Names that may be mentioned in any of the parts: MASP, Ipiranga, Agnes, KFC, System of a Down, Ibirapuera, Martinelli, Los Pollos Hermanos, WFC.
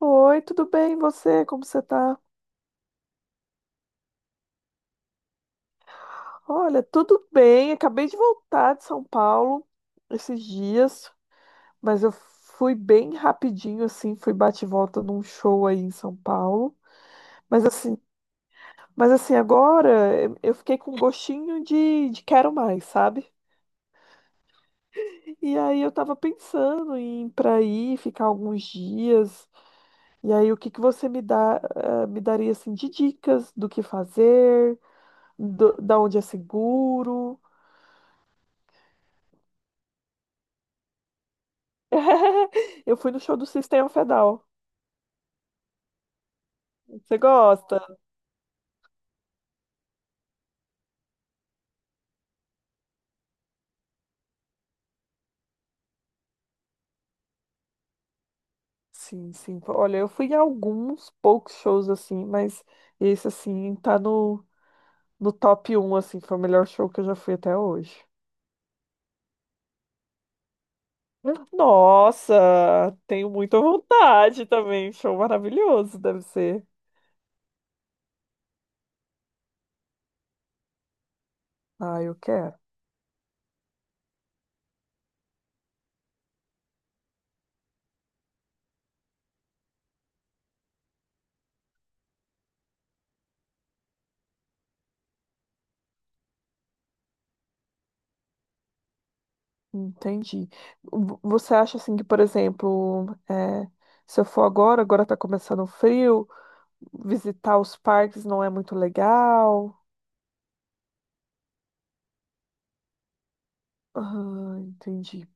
Oi, tudo bem? E você? Como você tá? Olha, tudo bem. Acabei de voltar de São Paulo esses dias, mas eu fui bem rapidinho, assim, fui bate e volta num show aí em São Paulo. Mas assim, mas assim, agora eu fiquei com um gostinho de quero mais, sabe? E aí eu tava pensando em ir pra aí, ficar alguns dias. E aí o que que você me dá, me daria assim de dicas do que fazer, da onde é seguro? Eu fui no show do System of a Down. Você gosta? Sim, sim. Olha, eu fui em alguns poucos shows assim, mas esse assim no top um assim, foi o melhor show que eu já fui até hoje. Nossa, tenho muita vontade também. Show maravilhoso, deve ser. Ah, eu quero. Entendi. Você acha assim que, por exemplo, se eu for agora, agora tá começando o frio, visitar os parques não é muito legal? Ah, entendi.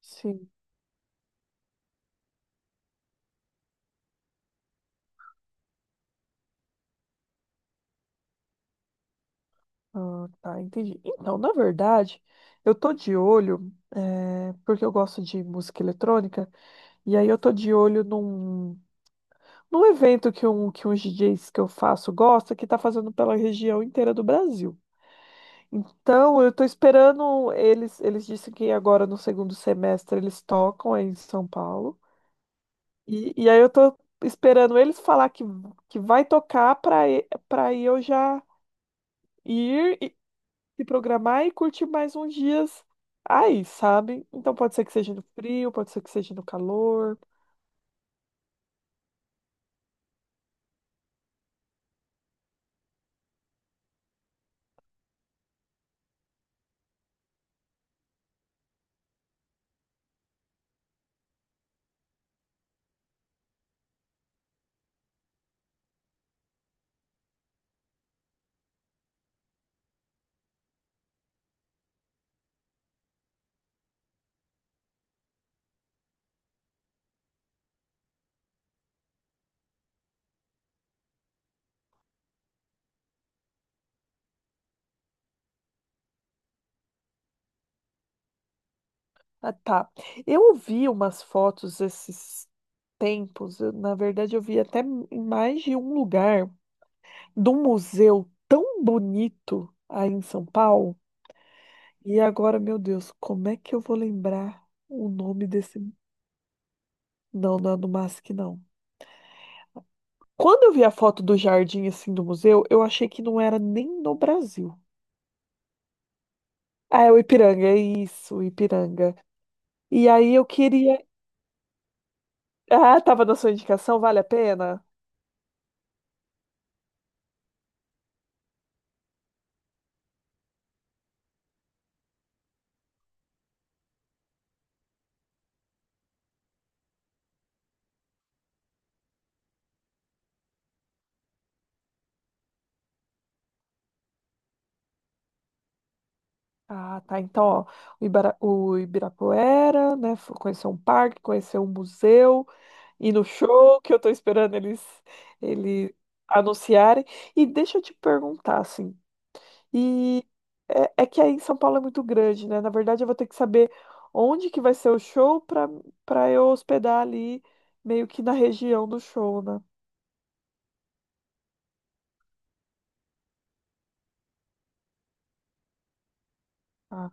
Sim. Ah, tá, entendi. Então, na verdade, eu tô de olho, porque eu gosto de música eletrônica, e aí eu tô de olho num evento que uns DJs que eu faço gosta, que tá fazendo pela região inteira do Brasil. Então, eu tô esperando eles, eles disseram que agora no segundo semestre eles tocam aí em São Paulo. E aí eu tô esperando eles falar que vai tocar para eu já ir se programar e curtir mais uns dias aí, sabe? Então pode ser que seja no frio, pode ser que seja no calor. Ah, tá. Eu vi umas fotos esses tempos, na verdade eu vi até em mais de um lugar, de um museu tão bonito aí em São Paulo. E agora, meu Deus, como é que eu vou lembrar o nome desse? Não, não é do MASP, não. Quando eu vi a foto do jardim assim do museu, eu achei que não era nem no Brasil. Ah, é o Ipiranga, é isso, o Ipiranga. E aí eu queria. Ah, tava na sua indicação, vale a pena? Ah, tá. Então, ó, o o Ibirapuera, né? Conhecer um parque, conhecer um museu, ir no show, que eu tô esperando eles, eles anunciarem. E deixa eu te perguntar, assim, e é, é que aí em São Paulo é muito grande, né? Na verdade, eu vou ter que saber onde que vai ser o show para eu hospedar ali, meio que na região do show, né? Ah,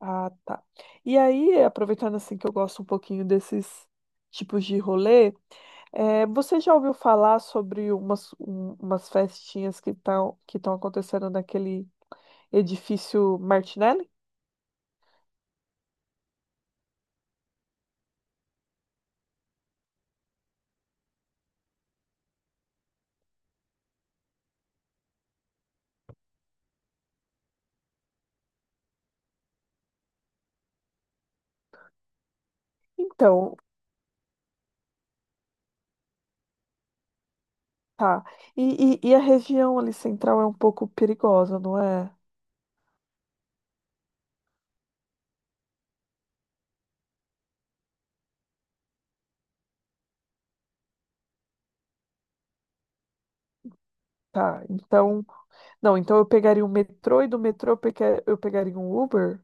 ah, tá. E aí, aproveitando assim que eu gosto um pouquinho desses tipos de rolê, você já ouviu falar sobre umas festinhas que estão acontecendo naquele edifício Martinelli? Então, tá. E a região ali central é um pouco perigosa, não é? Tá. Então, não, então eu pegaria um metrô e do metrô eu pegaria um Uber?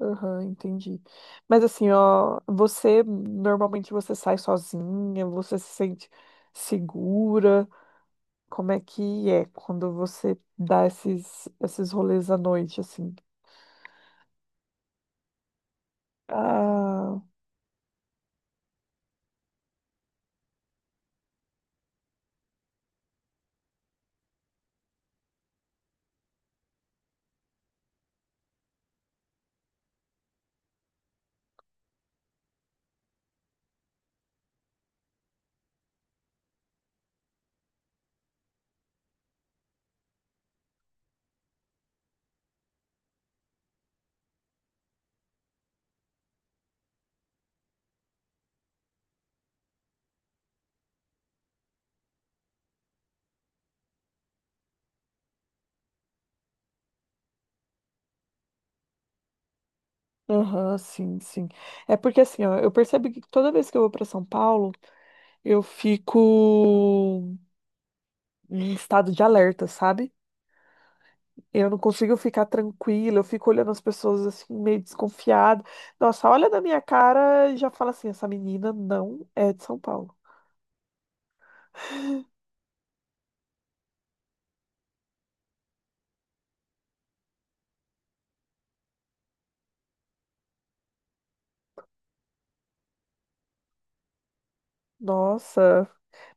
Aham, entendi. Mas assim, ó, você normalmente você sai sozinha, você se sente segura? Como é que é quando você dá esses rolês à noite assim? Ah, aham, sim, sim. É porque assim, ó, eu percebo que toda vez que eu vou para São Paulo, eu fico em estado de alerta, sabe? Eu não consigo ficar tranquila, eu fico olhando as pessoas assim, meio desconfiada. Nossa, olha na minha cara e já fala assim: essa menina não é de São Paulo. Nossa,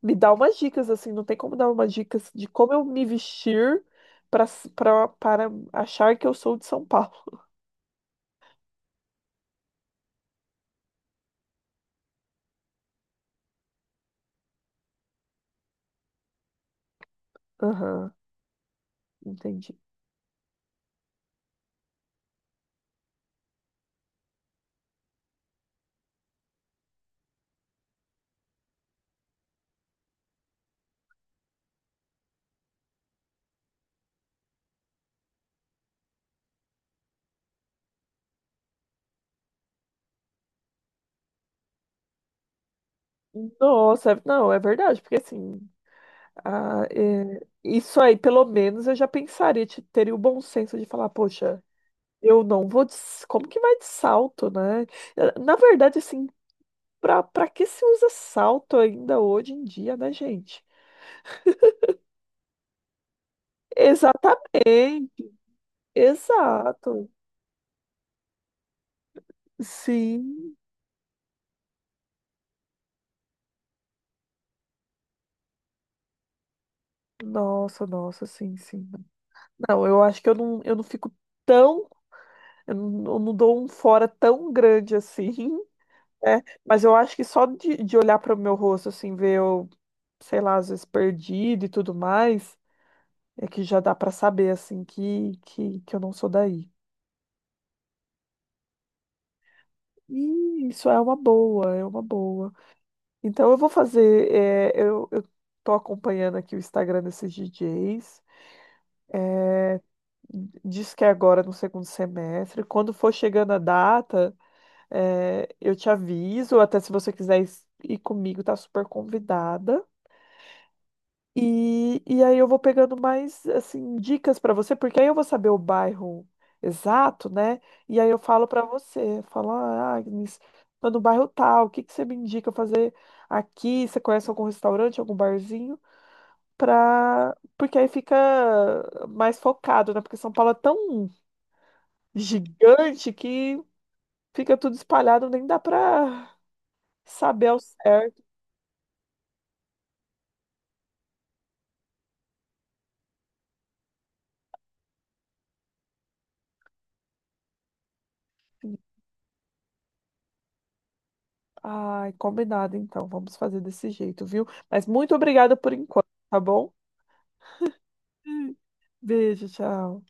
me dá umas dicas assim, não tem como dar umas dicas de como eu me vestir para pra, para achar que eu sou de São Paulo. Aham, entendi. Nossa, não, é verdade, porque assim. Ah, é, isso aí, pelo menos eu já pensaria, teria o bom senso de falar, poxa, eu não vou de, como que vai de salto, né? Na verdade, assim, pra que se usa salto ainda hoje em dia, né, gente? Exatamente, exato. Sim, nossa, nossa, sim, sim. Não, eu acho que eu não fico tão, eu não dou um fora tão grande assim. É, mas eu acho que só de olhar para o meu rosto, assim, ver eu, sei lá, às vezes perdido e tudo mais, é que já dá para saber, assim, que eu não sou daí. E isso é uma boa, é uma boa. Então eu vou fazer, eu tô acompanhando aqui o Instagram desses DJs, diz que é agora no segundo semestre. Quando for chegando a data, eu te aviso, até se você quiser ir comigo, tá super convidada. E aí eu vou pegando mais assim dicas para você, porque aí eu vou saber o bairro exato, né? E aí eu falo para você, falo, ah, Agnes, tô no bairro tal, o que que você me indica fazer aqui? Você conhece algum restaurante, algum barzinho? Pra... Porque aí fica mais focado, né? Porque São Paulo é tão gigante que fica tudo espalhado, nem dá para saber ao certo. Ai, combinado então. Vamos fazer desse jeito, viu? Mas muito obrigada por enquanto, tá bom? Beijo, tchau.